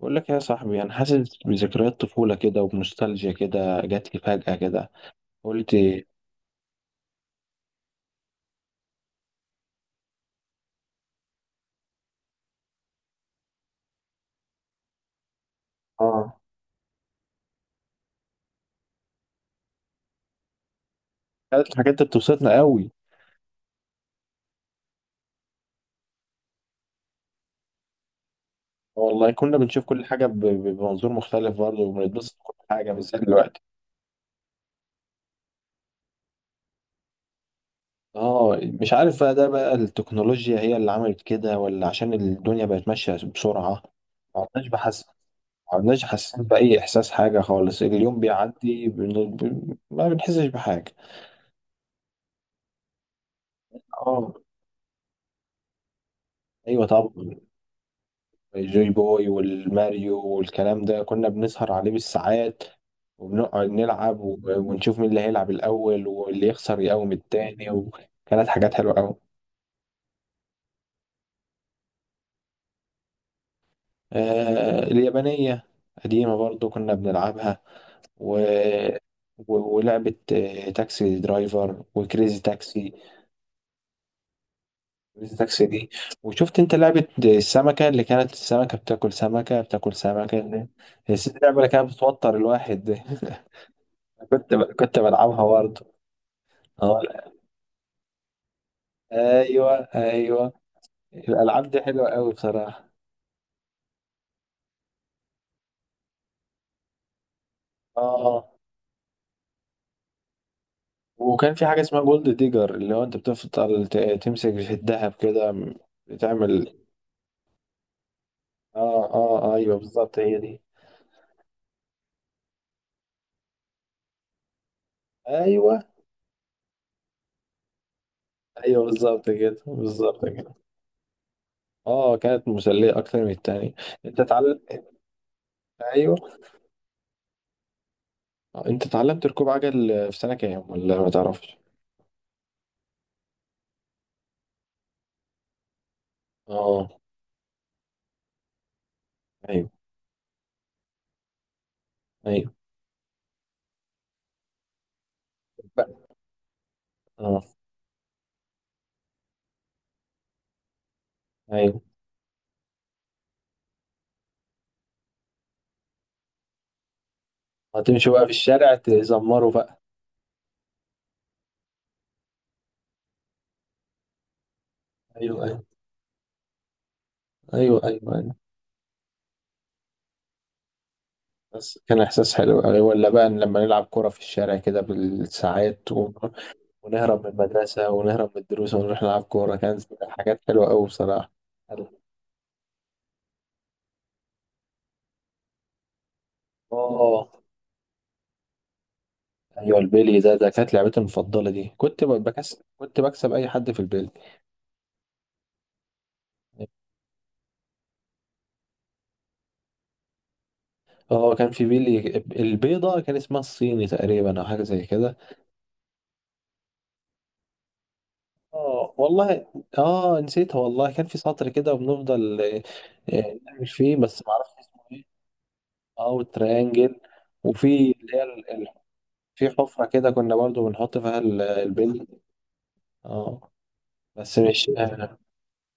بقول لك يا صاحبي، انا حاسس بذكريات طفوله كده، وبنوستالجيا كده جات لي فجاه كده. قلت. اه. كانت الحاجات دي بتبسطنا قوي. والله كنا بنشوف كل حاجه بمنظور مختلف برضه، وبنتبسط بكل حاجه بالذات دلوقتي. اه، مش عارف بقى، ده بقى التكنولوجيا هي اللي عملت كده، ولا عشان الدنيا بقت ماشيه بسرعه؟ ما عدناش بحس ما عدناش حاسين باي احساس، حاجه خالص، اليوم بيعدي ما بنحسش بحاجه. اه. ايوه طبعا. الجوي بوي والماريو والكلام ده كنا بنسهر عليه بالساعات، وبنقعد نلعب، ونشوف مين اللي هيلعب الأول، واللي يخسر يقوم التاني. وكانت حاجات حلوة أوي. آه، اليابانية قديمة برضو كنا بنلعبها. و... ولعبة تاكسي درايفر وكريزي تاكسي. كريزي تاكسي دي. وشفت انت لعبة السمكة اللي كانت السمكة بتاكل سمكة بتاكل سمكة اللعبة اللي كانت بتوتر الواحد دي. كنت بلعبها برضه. اه، ايوه ايوه، الالعاب دي حلوه قوي بصراحه. اه. وكان في حاجه اسمها جولد ديجر، اللي هو انت بتفضل تمسك في الذهب كده، بتعمل. اه اه، ايوه بالظبط هي دي. ايوه ايوه، بالظبط كده بالظبط كده. اه، كانت مسليه اكتر من التانية. انت اتعلم ايوه. انت اتعلمت ركوب عجل في سنه كام، ولا ما تعرفش؟ اه، ايوه ايوه بقى. اه، ايوه. هتمشي بقى في الشارع تزمره بقى. ايوه ايوه، ايوه ايوه. بس كان إحساس حلو يعني، ولا بقى لما نلعب كرة في الشارع كده بالساعات، ونهرب من المدرسة، ونهرب من الدروس، ونروح نلعب كورة. كانت حاجات حلوة أوي بصراحة. آه، أيوة، البيلي ده كانت لعبتي المفضلة دي، كنت بكسب أي حد في البيلي. اه، كان في بيلي البيضة، كان اسمها الصيني تقريبا، او حاجة زي كده. اه والله. اه، نسيتها والله. كان في سطر كده وبنفضل نعمل فيه، بس ما اعرفش اسمه إيه. او تريانجل. وفي، اللي هي في حفرة كده كنا برضو بنحط فيها البلي. اه، بس مش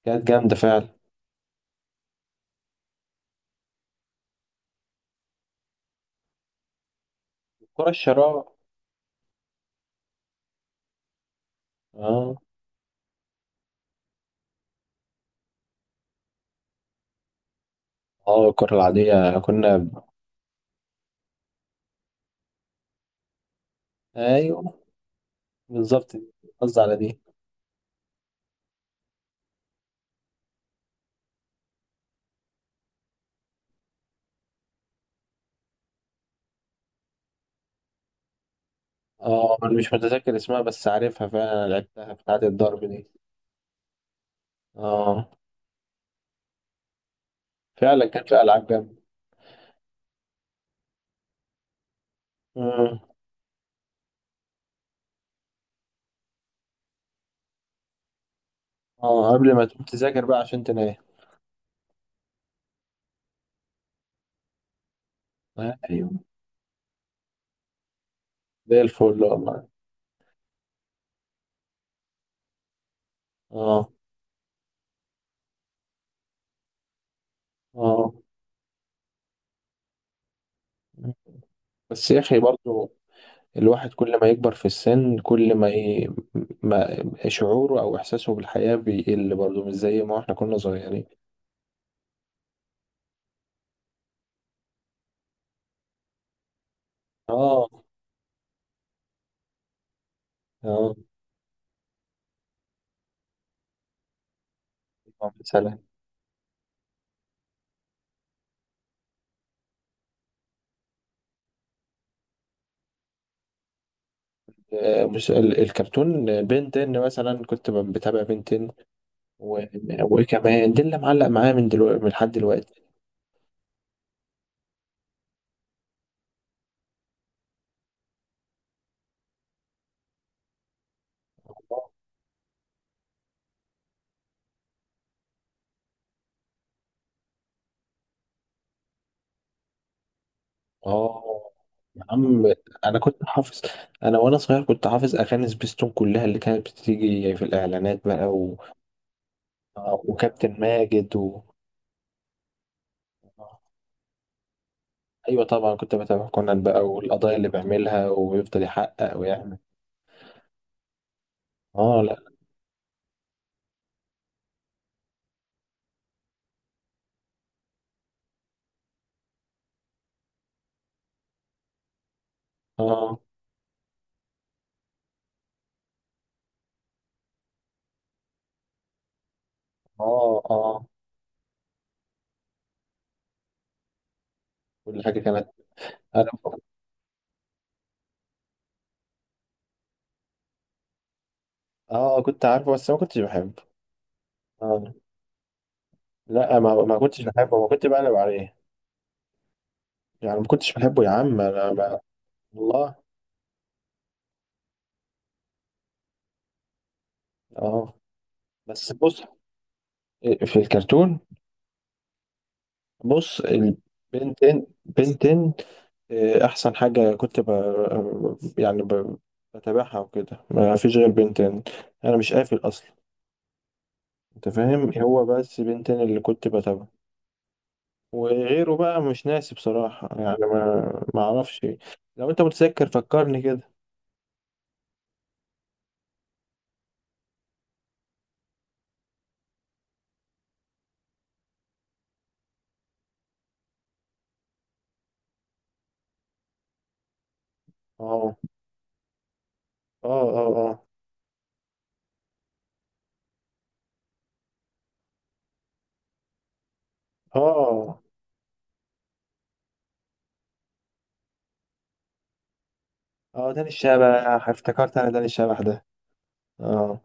كانت جامدة فعلا. كرة الشراع. اه اه، الكرة العادية كنا ايوه بالظبط دي. قصدي على دي. اه، انا مش متذكر اسمها بس عارفها فعلا، انا لعبتها بتاعة الضرب دي. اه، فعلا كانت فيها العاب جامدة. مم. اه، قبل ما تقوم تذاكر بقى عشان تنام. ايوه، زي الفل والله. اه اه، بس يا اخي برضو الواحد كل ما يكبر في السن، كل ما, ي... ما شعوره أو إحساسه بالحياة بيقل برضه، مش زي ما احنا كنا صغيرين. اه اه. مثلا مش الكرتون بنتين مثلا، كنت بتابع بنتين. و... وكمان دي اللي معلق معايا من دلوقتي، من لحد دلوقتي. اه يا عم. انا كنت حافظ انا وانا صغير كنت حافظ اغاني سبيستون كلها، اللي كانت بتيجي في الاعلانات بقى. وكابتن ماجد. ايوه طبعا، كنت بتابع كونان بقى والقضايا اللي بيعملها، ويفضل يحقق ويعمل. اه. لا. اه اه اه، كل حاجه كانت. انا اه كنت عارفه، بس ما كنتش بحبه. اه، لا، ما كنتش بحبه، ما كنت بقلب عليه. يعني ما كنتش بحبه يا عم انا بقى. والله. اه. بس بص، في الكرتون، بص البنتين بنتين. احسن حاجه كنت يعني بتابعها وكده، ما فيش غير بنتين. انا مش قافل اصلا. انت فاهم، هو بس بنتين اللي كنت بتابعه. وغيره بقى مش ناسي بصراحة يعني، ما اعرفش. لو انت متذكر فكرني كده. اه اه اه اه اه اه. داني الشبح! افتكرت انا داني الشبح ده. اه.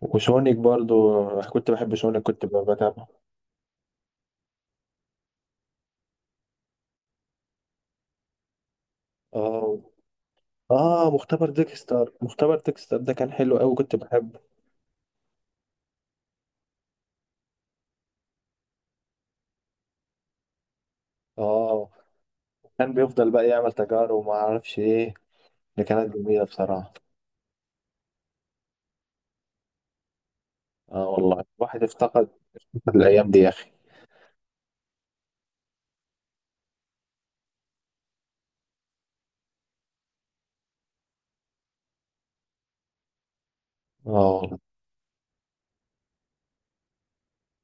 وشونك برضو كنت بحب شونك، كنت بتابعه. اه اه، مختبر ديكستر، مختبر ديكستر ده كان حلو قوي كنت بحبه. اه، كان بيفضل بقى يعمل تجارب وما اعرفش ايه، اللي كانت جميلة بصراحة. اه والله، الواحد افتقد الأيام دي يا أخي. اه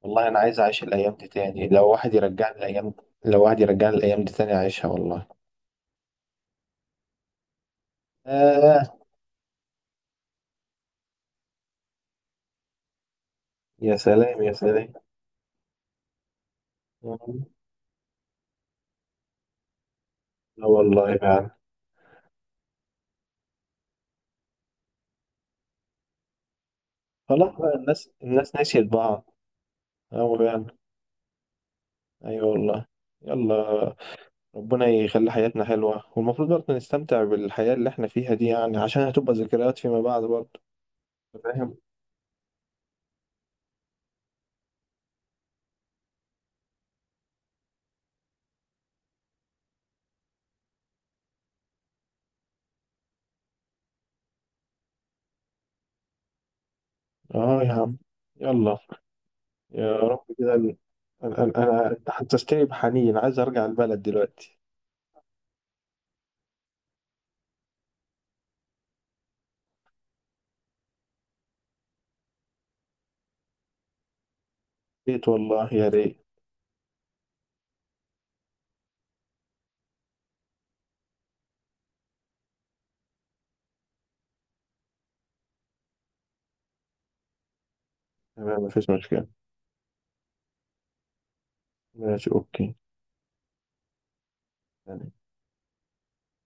والله، أنا عايز أعيش الأيام دي تاني. لو واحد يرجعني الأيام دي تاني أعيشها والله. آه، يا سلام يا سلام. لا والله، فعلا. خلاص بقى، الناس نسيت بعض. أوي يعني. أيوة والله. يلا. ربنا يخلي حياتنا حلوة، والمفروض برضه نستمتع بالحياة اللي احنا فيها دي يعني، عشان هتبقى ذكريات فيما بعد برضه. فاهم. اه يا عم. يلا. يا رب كده انت حسستني بحنين، عايز ارجع البلد دلوقتي. ريت والله، يا ريت. تمام، مفيش مشكلة. ماشي، اوكي.